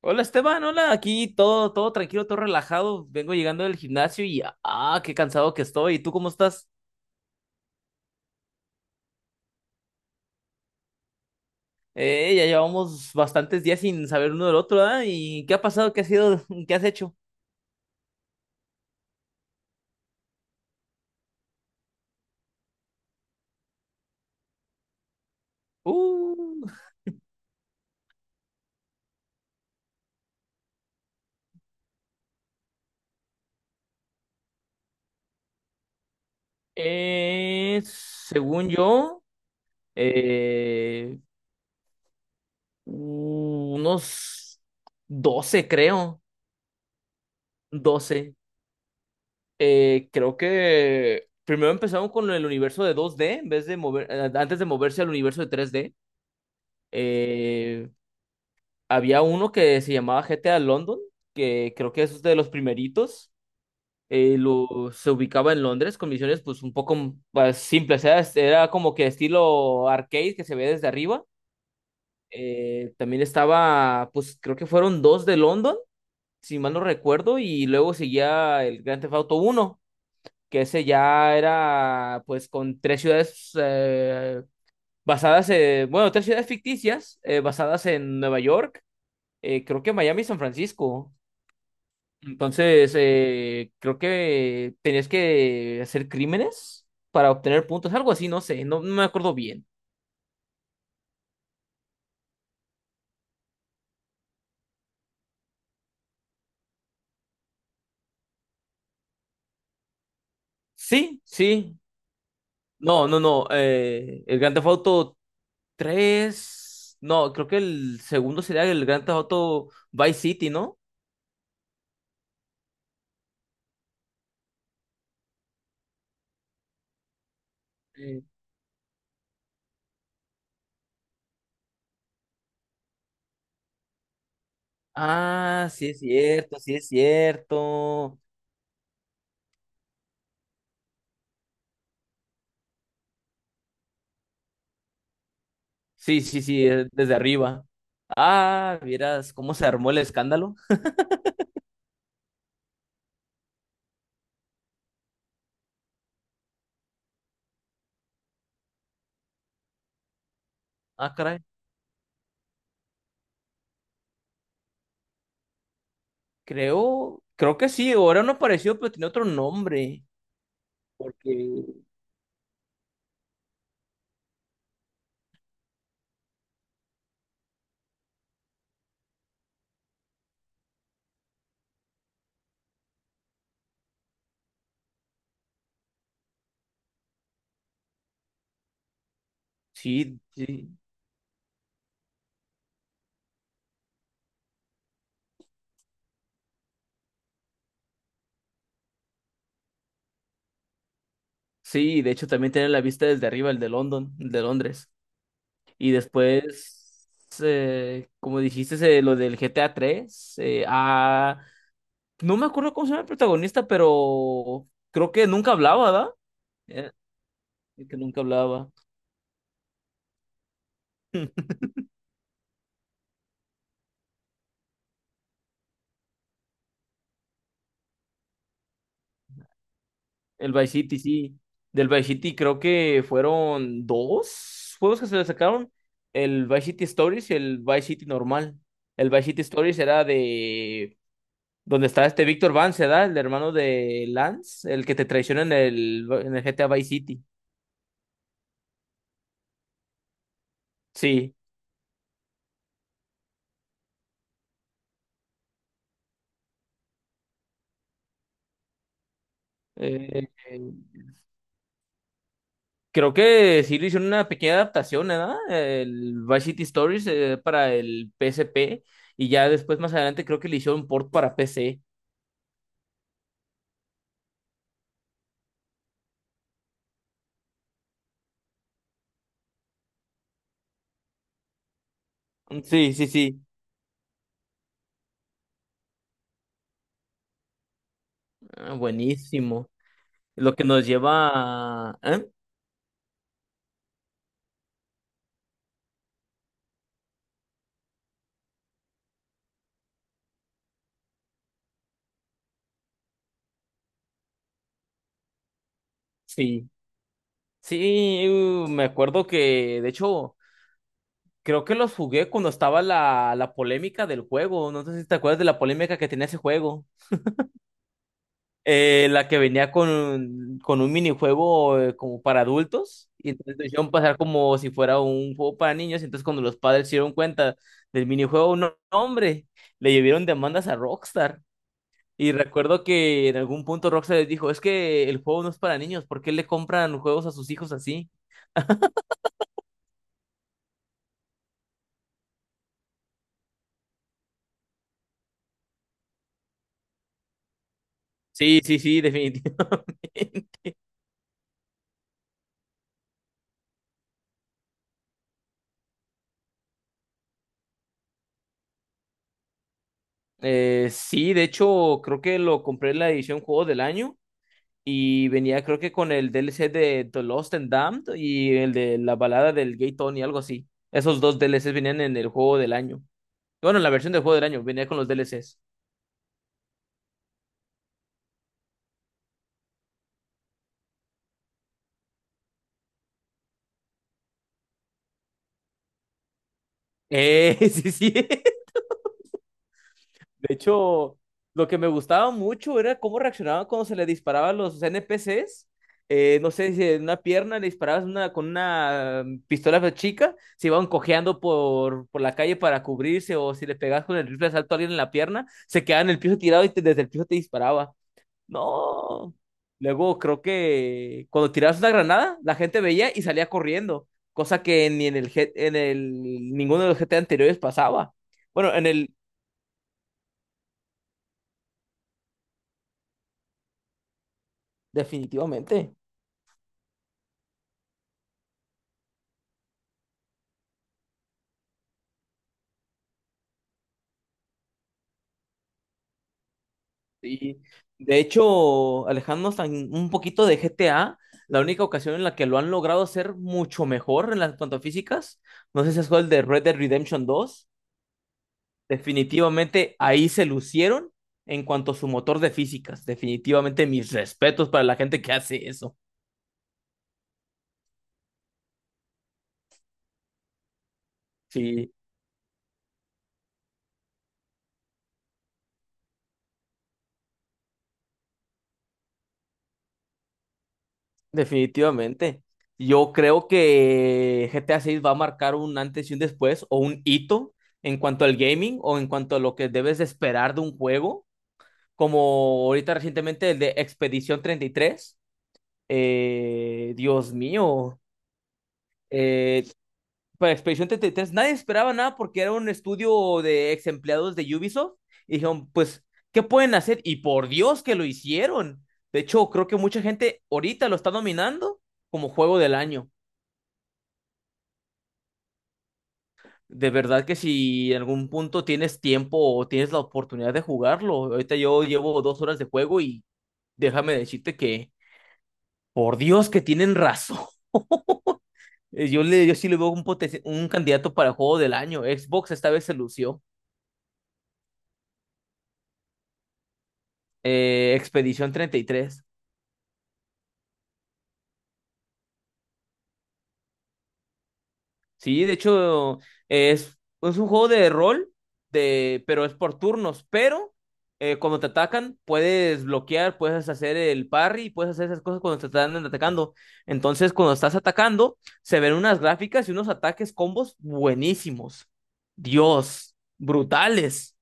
Hola Esteban, hola, aquí todo tranquilo, todo relajado. Vengo llegando del gimnasio y qué cansado que estoy. ¿Y tú cómo estás? Ya llevamos bastantes días sin saber uno del otro, ¿ah? ¿Y qué ha pasado? ¿Qué ha sido? ¿Qué has hecho? Uh, según yo, eh, unos 12 creo. Doce creo que primero empezaron con el universo de 2D en vez de antes de moverse al universo de 3D. Eh, Había uno que se llamaba GTA London, que creo que es de los primeritos. eh, lo, se ubicaba en Londres con misiones pues un poco pues, simples. Era como que estilo arcade que se ve desde arriba. También estaba, pues creo que fueron dos de London, si mal no recuerdo, y luego seguía el Grand Theft Auto uno, que ese ya era pues con tres ciudades basadas, en, bueno, tres ciudades ficticias basadas en Nueva York, creo que Miami y San Francisco. Entonces, creo que tenías que hacer crímenes para obtener puntos, algo así, no sé, no me acuerdo bien. Sí, sí, no, no, no, el Grand Theft Auto 3, no, creo que el segundo sería el Grand Theft Auto Vice City, ¿no? Eh, ah, sí es cierto, sí es cierto. Sí, sí, sí, desde arriba. Ah, vieras cómo se armó el escándalo. Ah, caray. Creo que sí, ahora no apareció, pero tiene otro nombre. Porque sí, sí. Sí, de hecho también tiene la vista desde arriba, el de London, el de Londres. Y después, como dijiste, lo del G T A GTA 3, no me acuerdo cómo se llama el protagonista, pero creo que nunca hablaba, ¿verdad? Eh, el que nunca hablaba. El Vice City, sí. Del Vice City creo que fueron dos juegos que se le sacaron. El Vice City Stories y el Vice City normal. El Vice City Stories era de donde está este Víctor Vance, ¿verdad? El hermano de Lance, el que te traiciona en el GTA Vice City. Sí. Eh, eh, creo que sí le hicieron una pequeña adaptación, ¿verdad? El Vice City Stories para el PSP y ya después más adelante creo que le hicieron un port para PC. Sí, sí, sí. Ah, buenísimo. Lo que nos lleva a... ¿eh? Sí, sí, me acuerdo que, de hecho, creo que los jugué cuando estaba la polémica del juego. No sé si te acuerdas de la polémica que tenía ese juego. La que venía con un minijuego como para adultos. Y entonces lo hicieron pasar como si fuera un juego para niños. Y entonces cuando los padres se dieron cuenta del minijuego, no, no, hombre, le llevaron demandas a Rockstar. Y recuerdo que en algún punto Rockstar les dijo, es que el juego no es para niños, ¿por qué le compran juegos a sus hijos así? Sí, sí, sí, definitivamente. Sí, de hecho, creo que lo compré en la edición Juego del Año y venía creo que con el DLC de The Lost and Damned y el de la balada del Gay Tony, algo así. Esos dos DLCs venían en el Juego del Año. Bueno, en la versión del Juego del Año venía con los D DLCs. Sí, sí. De hecho, lo que me gustaba mucho era cómo reaccionaban cuando se le disparaban los NPCs. No sé si en una pierna le disparabas con una pistola chica, se iban cojeando por la calle para cubrirse, o si le pegabas con el rifle de asalto a alguien en la pierna, se quedaba en el piso tirado y desde el piso te disparaba. No. Luego creo que cuando tirabas una granada, la gente veía y salía corriendo, cosa que ni en el ninguno de los GT anteriores pasaba. Bueno, en el definitivamente. Sí. De hecho, alejándonos un poquito de GTA, la única ocasión en la que lo han logrado hacer mucho mejor en las cuanto a físicas, no sé si es el de Red Dead Redemption 2, definitivamente ahí se lucieron en cuanto a su motor de físicas. Definitivamente mis respetos para la gente que hace eso. Sí, definitivamente. Yo creo que GTA 6 va a marcar un antes y un después o un hito en cuanto al gaming o en cuanto a lo que debes de esperar de un juego como ahorita recientemente el de Expedición 33. Dios mío. Eh, para Expedición 33 nadie esperaba nada porque era un estudio de ex empleados de Ubisoft. Y dijeron, pues, ¿qué pueden hacer? Y por Dios que lo hicieron. De hecho, creo que mucha gente ahorita lo está nominando como juego del año. De verdad que si en algún punto tienes tiempo o tienes la oportunidad de jugarlo. Ahorita yo llevo 2 horas de juego y déjame decirte que, por Dios que tienen razón. Yo sí le veo un candidato para juego del año. Xbox esta vez se lució. Expedición 33. Sí, de hecho, es un juego de rol, pero es por turnos. Pero cuando te atacan, puedes bloquear, puedes hacer el parry, puedes hacer esas cosas cuando te están atacando. Entonces, cuando estás atacando, se ven unas gráficas y unos ataques combos buenísimos. Dios, brutales.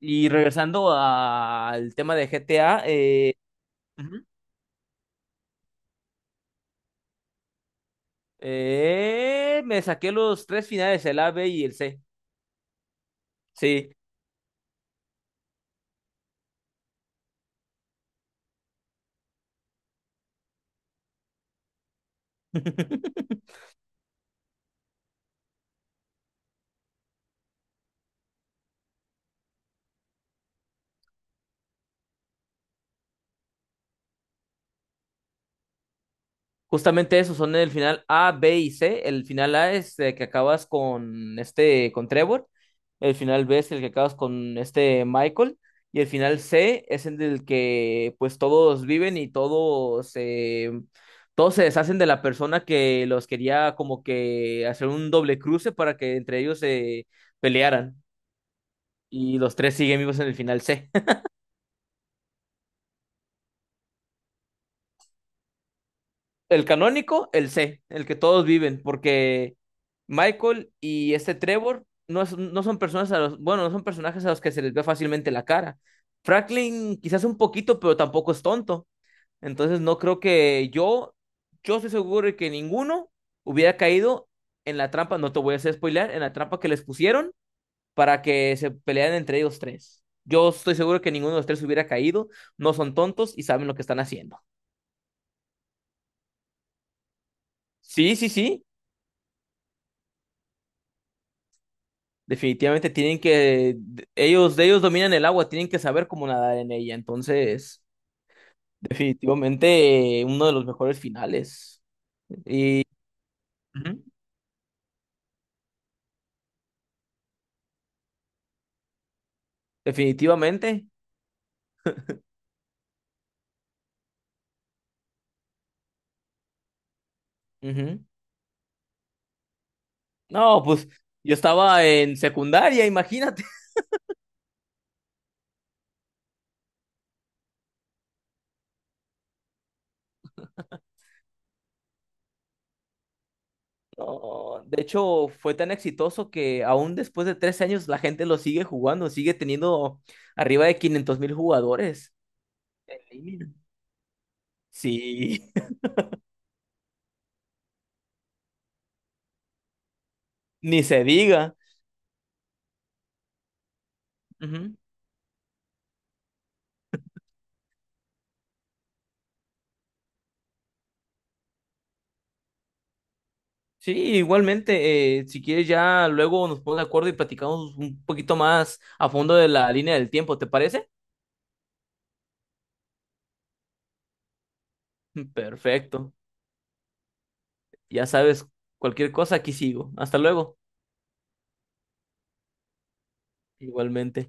Y regresando al tema de GTA, ujú. Me saqué los tres finales, el A, B y el C. Sí. Justamente esos son el final A, B y C. El final A es el que acabas con este, con Trevor. El final B es el que acabas con este Michael. Y el final C es el del que pues todos viven y todos se deshacen de la persona que los quería como que hacer un doble cruce para que entre ellos se pelearan. Y los tres siguen vivos en el final C. El canónico, el C, el que todos viven, porque Michael y este Trevor no, no son personas a los, bueno, no son personajes a los que se les ve fácilmente la cara. Franklin quizás un poquito, pero tampoco es tonto. Entonces no creo que yo estoy seguro de que ninguno hubiera caído en la trampa, no te voy a hacer spoilear, en la trampa que les pusieron para que se pelearan entre ellos tres. Yo estoy seguro que ninguno de los tres hubiera caído, no son tontos y saben lo que están haciendo. Sí, sí, sí. Definitivamente ellos, de ellos dominan el agua, tienen que saber cómo nadar en ella. Entonces, definitivamente uno de los mejores finales. Y Ujú. Definitivamente. Ujú. No, pues yo estaba en secundaria, imagínate. No, de hecho, fue tan exitoso que aún después de 3 años la gente lo sigue jugando, sigue teniendo arriba de 500.000 jugadores. En línea. Sí, ni se diga. Ujú. Sí, igualmente, si quieres ya luego nos ponemos de acuerdo y platicamos un poquito más a fondo de la línea del tiempo, ¿te parece? Perfecto. Ya sabes, cualquier cosa aquí sigo. Hasta luego. Igualmente.